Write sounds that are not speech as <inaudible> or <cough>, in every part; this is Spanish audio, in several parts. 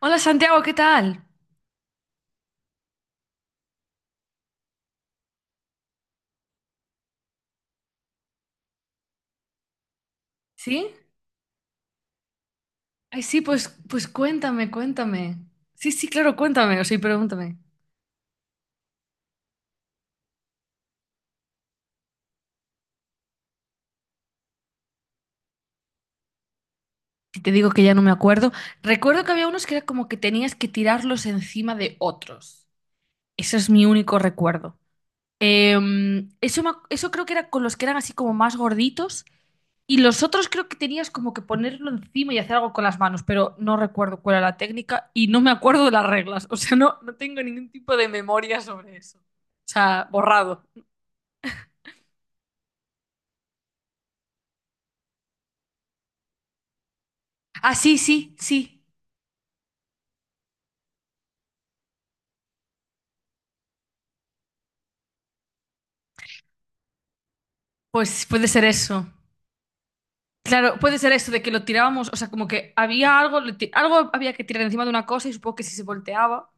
Hola Santiago, ¿qué tal? ¿Sí? Ay, sí, pues cuéntame, cuéntame. Sí, sí, claro, cuéntame, o sea, y pregúntame. Si te digo que ya no me acuerdo, recuerdo que había unos que era como que tenías que tirarlos encima de otros. Eso es mi único recuerdo. Eso, eso creo que era con los que eran así como más gorditos, y los otros creo que tenías como que ponerlo encima y hacer algo con las manos, pero no recuerdo cuál era la técnica y no me acuerdo de las reglas. O sea, no, no tengo ningún tipo de memoria sobre eso. O sea, borrado. Ah, sí, sí, sí. Pues puede ser eso. Claro, puede ser eso de que lo tirábamos, o sea, como que había algo, algo había que tirar encima de una cosa, y supongo que si se volteaba,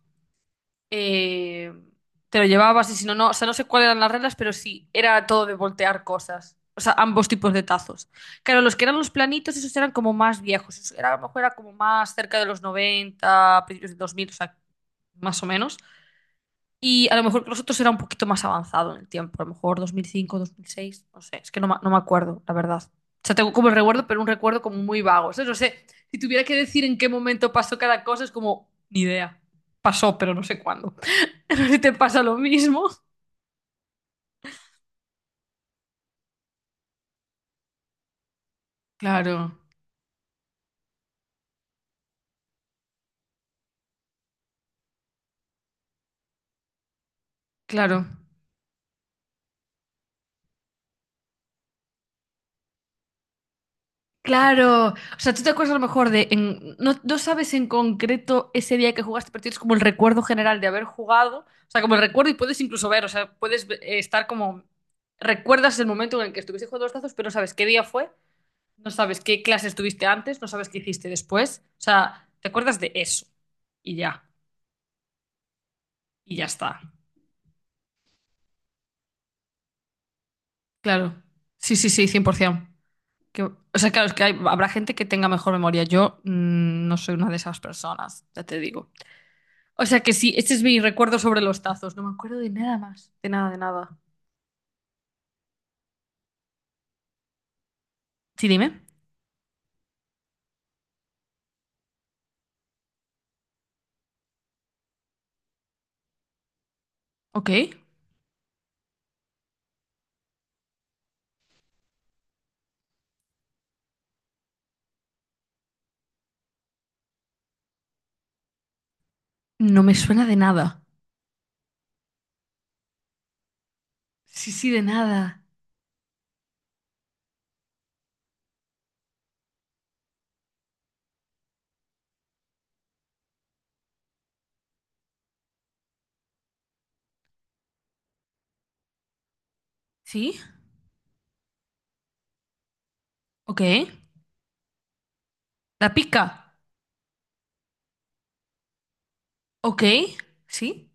eh, te lo llevabas, y si no, no, o sea, no sé cuáles eran las reglas, pero sí, era todo de voltear cosas. O sea, ambos tipos de tazos. Claro, los que eran los planitos, esos eran como más viejos. Eso era, a lo mejor era como más cerca de los 90, principios de 2000, o sea, más o menos. Y a lo mejor que los otros era un poquito más avanzado en el tiempo, a lo mejor dos mil cinco, 2006, no sé, es que no, no me acuerdo, la verdad. O sea, tengo como el recuerdo, pero un recuerdo como muy vago. O no sé, si tuviera que decir en qué momento pasó cada cosa, es como, ni idea. Pasó, pero no sé cuándo. <laughs> No sé si te pasa lo mismo. Claro, claro. Claro, o sea, tú te acuerdas a lo mejor no, no sabes en concreto ese día que jugaste, pero tienes como el recuerdo general de haber jugado, o sea, como el recuerdo y puedes incluso ver, o sea, estar como, recuerdas el momento en el que estuviste jugando los tazos, pero no sabes qué día fue, no sabes qué clase estuviste antes, no sabes qué hiciste después, o sea, te acuerdas de eso y ya, y ya está. Claro, sí, sí, sí, 100%. Que, o sea, claro, es que habrá gente que tenga mejor memoria, yo no soy una de esas personas, ya te digo. O sea que sí, este es mi recuerdo sobre los tazos. No me acuerdo de nada más. De nada, de nada. Sí, dime. Ok. No me suena de nada. Sí, sí, de nada. Sí. Ok. La pica. Ok. Sí.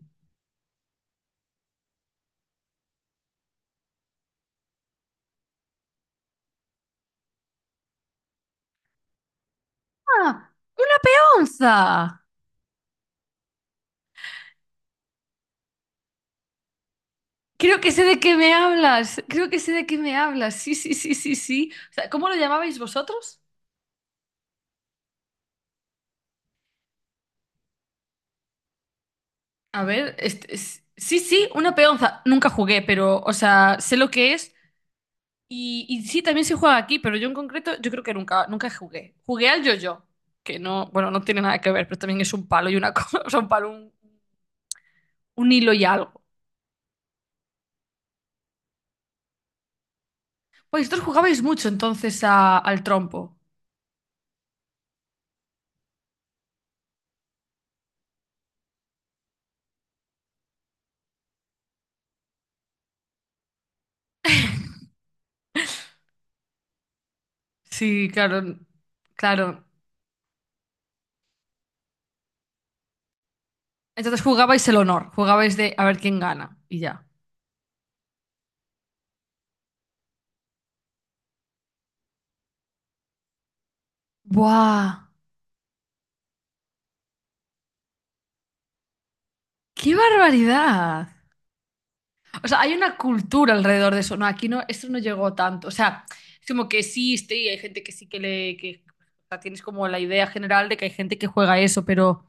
Ah, una peonza. Creo que sé de qué me hablas. Creo que sé de qué me hablas. Sí, sí, sí, sí, sí. O sea, ¿cómo lo llamabais vosotros? A ver, este, sí, sí, una peonza. Nunca jugué, pero, o sea, sé lo que es. Y sí, también se juega aquí, pero yo en concreto, yo creo que nunca, nunca jugué. Jugué al yo-yo, que no, bueno, no tiene nada que ver, pero también es un palo y una cosa, <laughs> o sea, un palo, un hilo y algo. Pues vosotros jugabais mucho entonces al trompo. Sí, claro, claro. Entonces jugabais el honor, jugabais de a ver quién gana y ya. ¡Buah! ¡Qué barbaridad! O sea, hay una cultura alrededor de eso. No, aquí no, esto no llegó tanto. O sea, es como que existe y hay gente que sí que le... Que, o sea, tienes como la idea general de que hay gente que juega eso, pero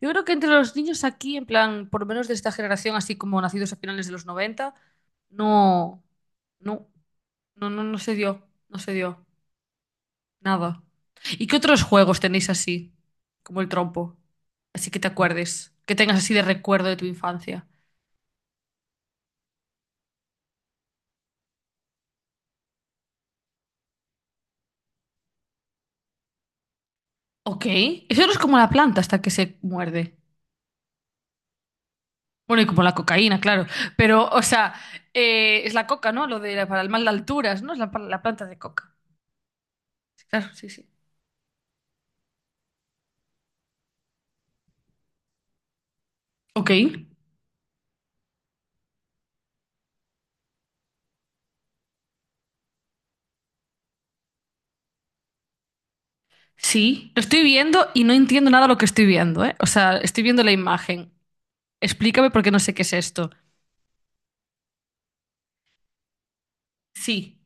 yo creo que entre los niños aquí, en plan, por lo menos de esta generación, así como nacidos a finales de los 90, no, no, no, no, no se dio, no se dio, nada. ¿Y qué otros juegos tenéis así, como el trompo? Así que te acuerdes, que tengas así de recuerdo de tu infancia. Ok, eso no es como la planta hasta que se muerde. Bueno, y como la cocaína, claro. Pero, o sea, es la coca, ¿no? Lo de para el mal de alturas, ¿no? Es la planta de coca. Sí, claro, sí, sí. Ok. Sí, lo estoy viendo y no entiendo nada lo que estoy viendo, ¿eh? O sea, estoy viendo la imagen. Explícame porque no sé qué es esto. Sí.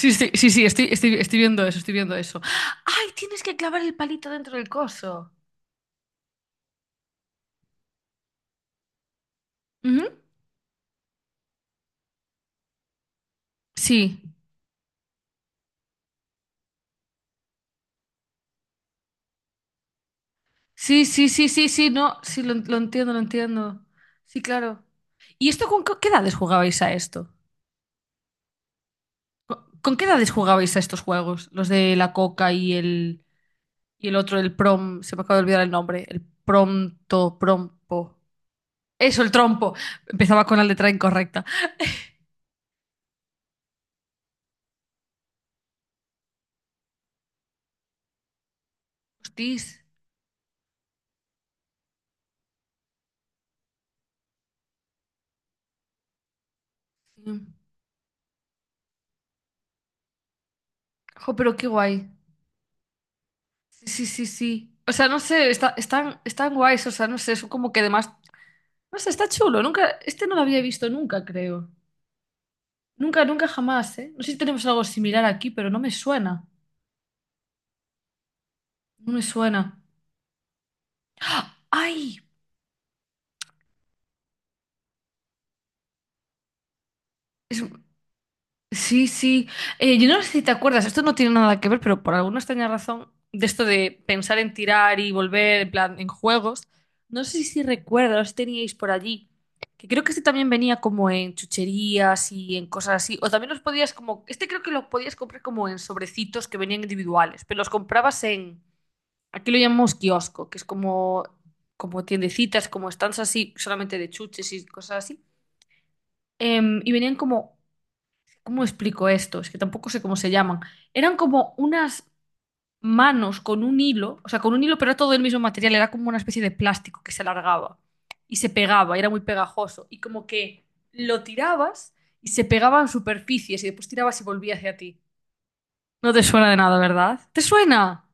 Sí, sí, sí, sí, estoy viendo eso, estoy viendo eso. ¡Ay! Tienes que clavar el palito dentro del coso. Ujú. Sí. Sí, sí, sí, sí, sí, no. Sí, lo entiendo, lo entiendo. Sí, claro. ¿Y esto con qué edades jugabais a esto? ¿Con qué edades jugabais a estos juegos? Los de la coca y el, otro, el prom, se me acaba de olvidar el nombre, el pronto, prompo. Eso, el trompo. Empezaba con la letra incorrecta. Hostis. Mm. Jo, pero qué guay. Sí, sí, sí, sí. O sea, no sé, están guays, o sea, no sé, son como que además... No sé, está chulo. Nunca, este no lo había visto nunca, creo. Nunca, nunca jamás, ¿eh? No sé si tenemos algo similar aquí, pero no me suena. No me suena. ¡Ah! ¡Ay! Es- Sí, sí. Yo no sé si te acuerdas, esto no tiene nada que ver, pero por alguna extraña razón, de esto de pensar en tirar y volver en plan en juegos, no sé si recuerdas, teníais por allí, que creo que este también venía como en chucherías y en cosas así, o también los podías como, este creo que lo podías comprar como en sobrecitos que venían individuales, pero los comprabas en, aquí lo llamamos kiosco, que es como, tiendecitas, como stands así, solamente de chuches y cosas así. Y venían como, ¿cómo explico esto? Es que tampoco sé cómo se llaman. Eran como unas manos con un hilo, o sea, con un hilo, pero era todo el mismo material, era como una especie de plástico que se alargaba y se pegaba, y era muy pegajoso, y como que lo tirabas y se pegaba en superficies, y después tirabas y volvía hacia ti. No te suena de nada, ¿verdad? ¿Te suena?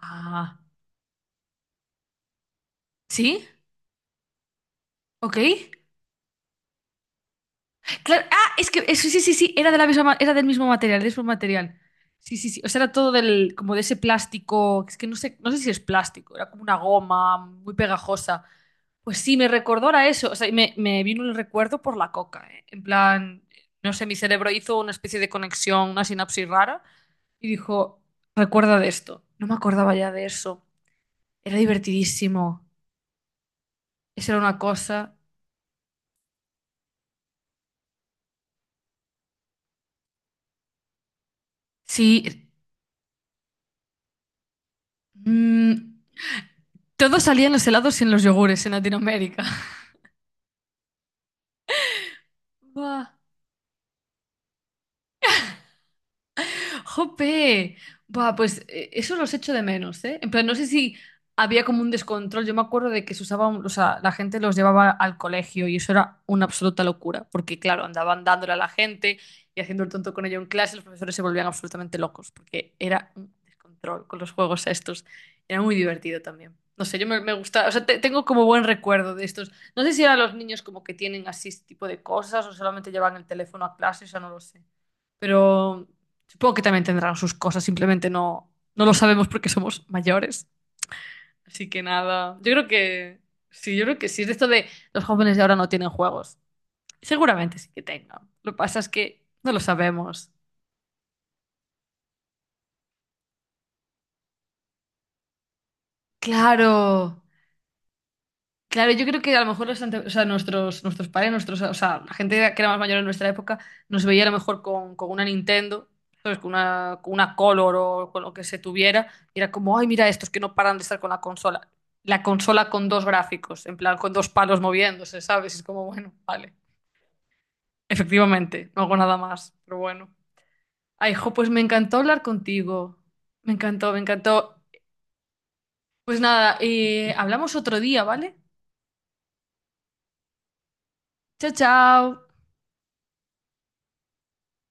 Ah, ¿sí? ¿Ok? Claro, ah, es que eso, sí, sí, sí, era de la misma, ma- era del mismo material, del mismo material. Sí, sí, sí. O sea, era todo como de ese plástico. Es que no sé, no sé si es plástico, era como una goma muy pegajosa. Pues sí, me recordó a eso. O sea, y me vino el recuerdo por la coca, ¿eh? En plan, no sé, mi cerebro hizo una especie de conexión, una sinapsis rara, y dijo, recuerda de esto. No me acordaba ya de eso. Era divertidísimo. Esa era una cosa. Sí. Mm, todo salía en los helados y en los yogures en Latinoamérica. Buah, jope. Buah, pues eso los echo de menos, ¿eh? En plan, no sé si había como un descontrol. Yo me acuerdo de que se usaba, un- o sea, la gente los llevaba al colegio, y eso era una absoluta locura, porque claro, andaban dándole a la gente y haciendo el tonto con ello en clase, los profesores se volvían absolutamente locos, porque era un descontrol con los juegos estos. Era muy divertido también. No sé, yo me gusta, o sea, tengo como buen recuerdo de estos. No sé si ahora los niños como que tienen así este tipo de cosas, o solamente llevan el teléfono a clase, o sea, no lo sé. Pero supongo que también tendrán sus cosas, simplemente no, no lo sabemos porque somos mayores. Así que nada, yo creo que sí, yo creo que sí. Es de esto de los jóvenes de ahora no tienen juegos. Seguramente sí que tengan. Lo que pasa es que no lo sabemos. Claro. Claro, yo creo que a lo mejor o sea, nuestros padres, nuestros, o sea, la gente que era más mayor en nuestra época, nos veía a lo mejor con, una Nintendo, ¿sabes? Con una Color, o con lo que se tuviera, y era como, ay, mira estos que no paran de estar con la consola. La consola con dos gráficos, en plan, con dos palos moviéndose, ¿sabes? Y es como, bueno, vale. Efectivamente, no hago nada más, pero bueno. Ay, jo, pues me encantó hablar contigo. Me encantó, me encantó. Pues nada, hablamos otro día, ¿vale? Chao, chao.